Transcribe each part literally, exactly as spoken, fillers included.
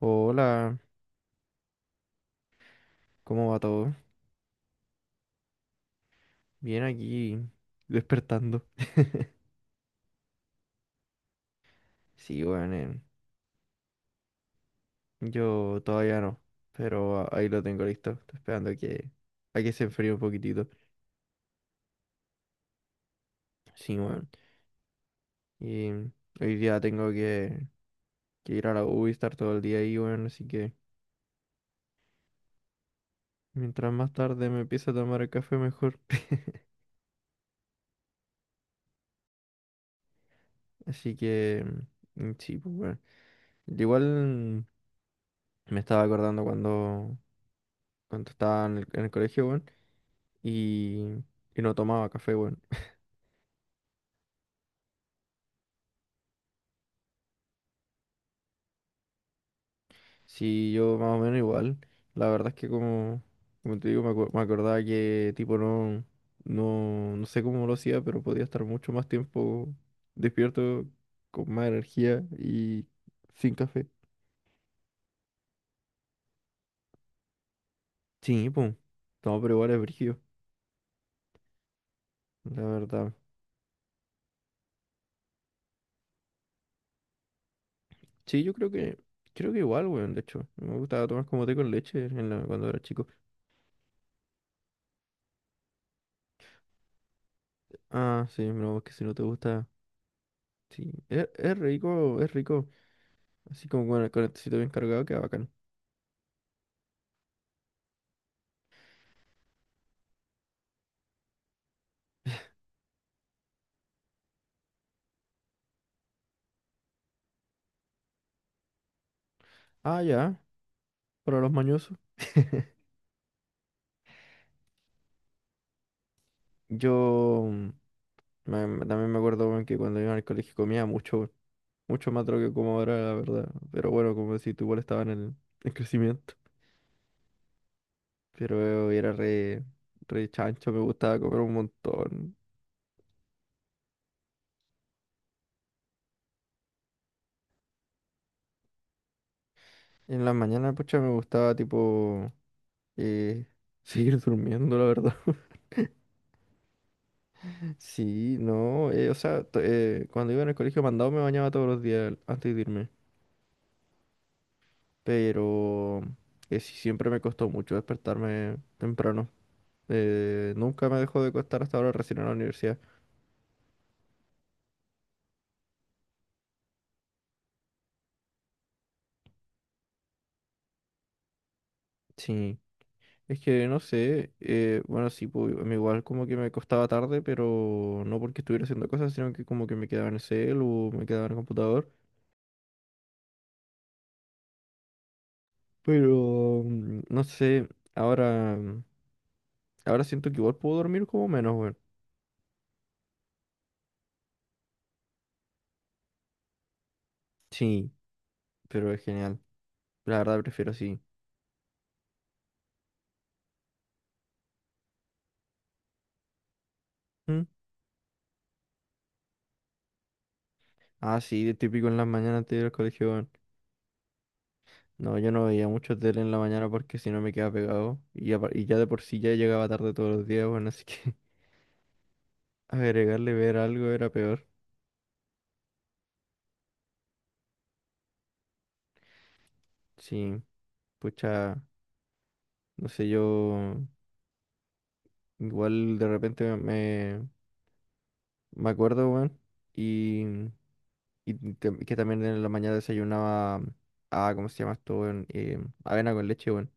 Hola, ¿cómo va todo? Bien aquí, despertando. Sí, bueno, eh, yo todavía no, pero a- ahí lo tengo listo. Estoy esperando a que, a que se enfríe un poquitito. Sí, bueno. Y mm, hoy día tengo que, que ir a la U y estar todo el día ahí, bueno, así que mientras más tarde me empiece a tomar el café, mejor. Así que, mm, sí, pues bueno. Igual mm, me estaba acordando cuando, cuando estaba en el, en el colegio, bueno. y, y no tomaba café, bueno. Sí, yo más o menos igual. La verdad es que como, como te digo, me, acu- me acordaba que tipo no, no, no sé cómo lo hacía, pero podía estar mucho más tiempo despierto, con más energía y sin café. Sí, pues. No, pero igual es brígido, la verdad. Sí, yo creo que, creo que igual, weón, de hecho. Me gustaba tomar como té con leche en la- cuando era chico. Ah, sí, no, es que si no te gusta. Sí, es, es rico, es rico. Así como con el, con bien cargado, queda bacán. Ah, ya, para los mañosos. Yo mm, me- me- también me acuerdo, weón, que cuando iba al colegio comía mucho, weón. Mucho más de lo que como ahora, la verdad. Pero bueno, como decís, tú igual estaba en el en crecimiento. Pero era re, re chancho, me gustaba comer un montón. En las mañanas, pucha, me gustaba, tipo, eh, seguir durmiendo, la verdad. Sí, no, eh, o sea, to- eh, cuando iba en el colegio mandado me bañaba todos los días antes de irme. Pero que sí, siempre me costó mucho despertarme temprano. Eh, nunca me dejó de costar hasta ahora recién en la universidad. Sí, es que no sé, eh, bueno, sí, pues, a mí igual como que me costaba tarde, pero no porque estuviera haciendo cosas, sino que como que me quedaba en el cel o me quedaba en el computador. Pero mm, no sé, ahora, mm, ahora siento que igual puedo dormir como menos, weón. Sí, pero es genial. La verdad prefiero así. ¿Mm? Ah, sí, de típico en las mañanas antes de ir al colegio, weón. No, yo no veía mucho tele en la mañana porque si no me quedaba pegado. Y ya, y ya de por sí ya llegaba tarde todos los días, bueno, así que agregarle ver algo era peor. Sí, pucha, no sé, yo igual de repente me, me acuerdo, weón. Y, y te- que también en la mañana desayunaba, ah, ¿cómo se llama esto, weón? Eh, avena con leche, weón.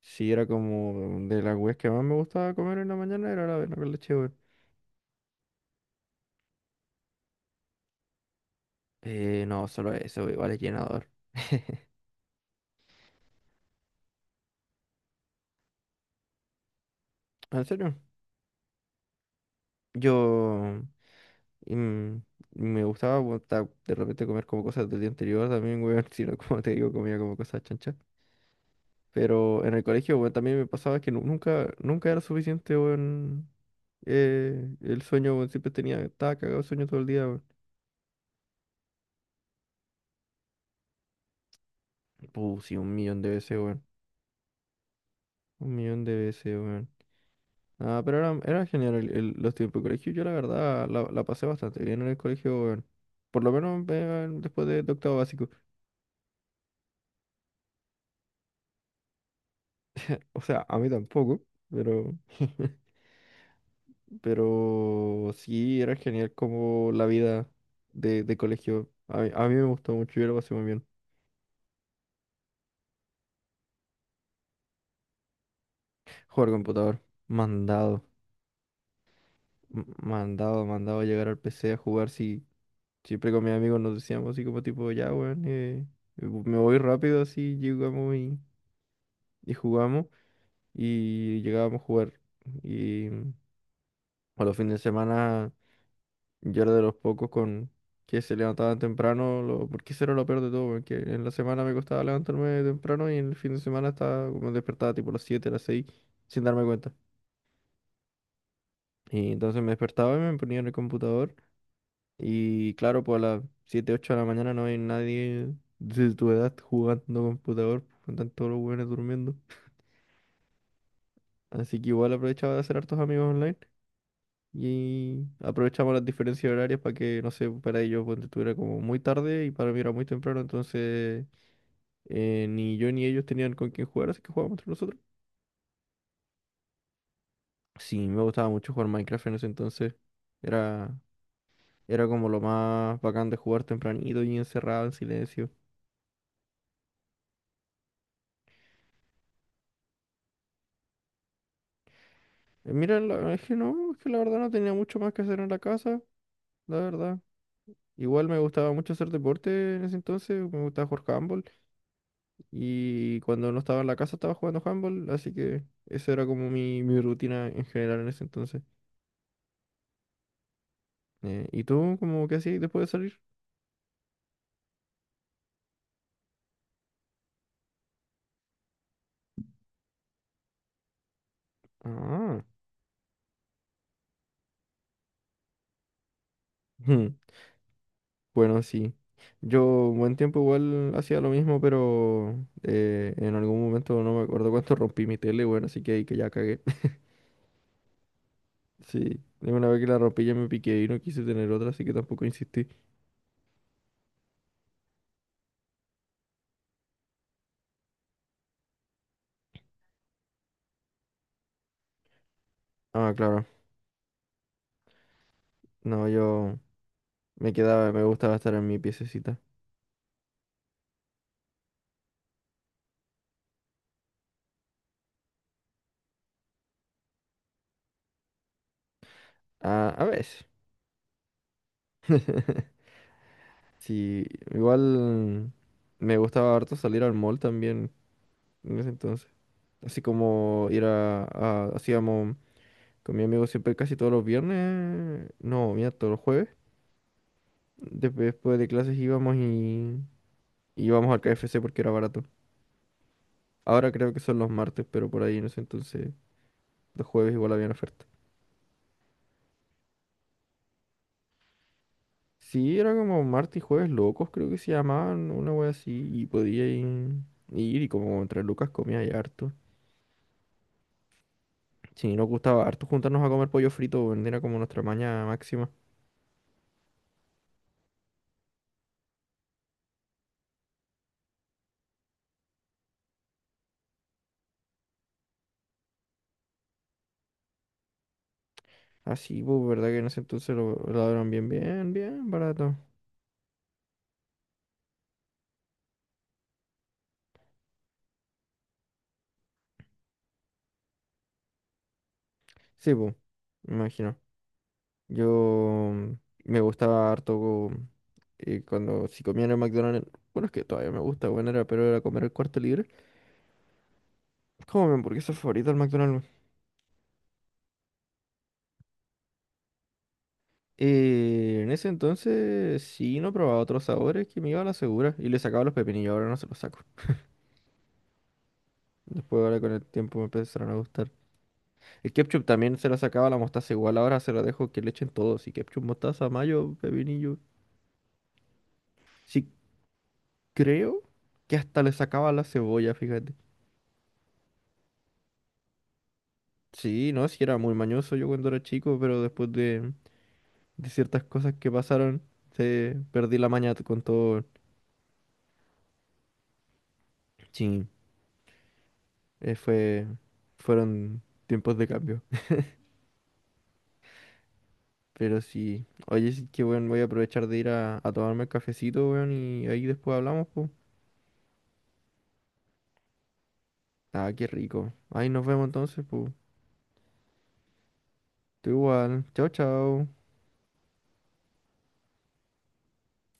Sí, era como de las weas que más me gustaba comer en la mañana, era la avena con leche, weón. Eh, no, solo eso, igual es llenador. ¿En serio? Yo mm, me gustaba bueno, de repente comer como cosas del día anterior también, weón, si no, como te digo, comía como cosas chanchas. Pero en el colegio, weón, también me pasaba que nu- nunca, nunca era suficiente, weón. Eh, el sueño, weón, siempre tenía, estaba cagado de sueño todo el día, weón. Puh, sí, un millón de veces, weón. Un millón de veces, weón. Ah, pero era, era genial el- el- los tiempos de colegio. Yo la verdad la, la pasé bastante bien en el colegio, weón. Por lo menos eh, después de de octavo básico. O sea, a mí tampoco, pero, pero sí era genial como la vida de, de colegio. A mí, a mí me gustó mucho, yo lo pasé muy bien. Jugar computador, mandado, m- mandado, mandado a llegar al P C a jugar. Sí, siempre con mis amigos nos decíamos así como tipo, ya, weón, eh, me voy rápido así, llegamos y, y jugamos y llegábamos a jugar. Y mm, a los fines de semana... Yo era de los pocos con que se levantaban temprano, lo- porque eso era lo peor de todo, porque en la semana me costaba levantarme temprano y en el fin de semana estaba como despertaba tipo a las siete a las seis sin darme cuenta. Y entonces me despertaba y me ponía en el computador y claro, pues a las siete ocho de la mañana no hay nadie de tu edad jugando computador, con tanto los buenos durmiendo. Así que igual aprovechaba de hacer hartos amigos online. Y aprovechamos las diferencias horarias para que, no sé, para ellos ponte tú, era como muy tarde y para mí era muy temprano, entonces eh, ni yo ni ellos tenían con quién jugar, así que jugábamos entre nosotros. Sí, me gustaba mucho jugar Minecraft en ese entonces. Era, era como lo más bacán de jugar tempranito y encerrado en silencio. Eh, Mira, la- es que no, es que la verdad no tenía mucho más que hacer en la casa, la verdad. Igual me gustaba mucho hacer deporte en ese entonces, me gustaba jugar handball. Y cuando no estaba en la casa estaba jugando handball, así que esa era como mi, mi rutina en general en ese entonces. Eh, ¿y tú, como qué hacías después de salir? Ah, ujú, bueno, sí. Yo un buen tiempo igual hacía lo mismo, pero eh, en algún momento no me acuerdo cuánto rompí mi tele, bueno, así que ahí que ya cagué. Sí, de una vez que la rompí ya me piqué y no quise tener otra, así que tampoco insistí. Ah, claro. No, yo me quedaba, me gustaba estar en mi piececita. Ah, a veces. Sí, igual me gustaba harto salir al mall también en ese entonces. Así como ir a, a- hacíamos con mi amigo siempre casi todos los viernes, no, mira, todos los jueves. Desp- Después de clases íbamos y íbamos al K F C porque era barato. Ahora creo que son los martes, pero por ahí en ese entonces los jueves igual había oferta. Sí, era como martes y jueves locos, creo que se llamaban, una wea así, y podía ir, ir y como entre lucas comía y harto. Sí, nos gustaba harto juntarnos a comer pollo frito, weón, era como nuestra maña máxima. Así, pues, ¿verdad que en ese entonces lo, lo daban bien, bien, bien barato? Sí, pues, me imagino. Yo mm, me gustaba harto co- eh, cuando, si comía en el McDonald's, bueno, es que todavía me gusta, bueno, era, pero era comer el cuarto libre. Como mi hamburguesa favorita del McDonald's, weón. Eh, en ese entonces sí, no probaba otros sabores que me iba a la segura y le sacaba los pepinillos, ahora no se los saco. Después ahora con el tiempo me empezaron a gustar. El ketchup también se lo sacaba la mostaza igual, ahora se lo dejo que le echen todo. Si ketchup, mostaza, mayo, pepinillo. Sí, creo que hasta le sacaba la cebolla, fíjate. Sí, no, sí era muy mañoso yo cuando era chico, pero después de, de ciertas cosas que pasaron, se perdí la maña con todo. Sí, eh, fue, fueron tiempos de cambio. Pero sí, oye, sí que bueno, voy a aprovechar de ir a, a tomarme el cafecito, weón, y ahí después hablamos, pues. Ah, qué rico. Ahí nos vemos entonces, pues. Tú igual. Chau, chau.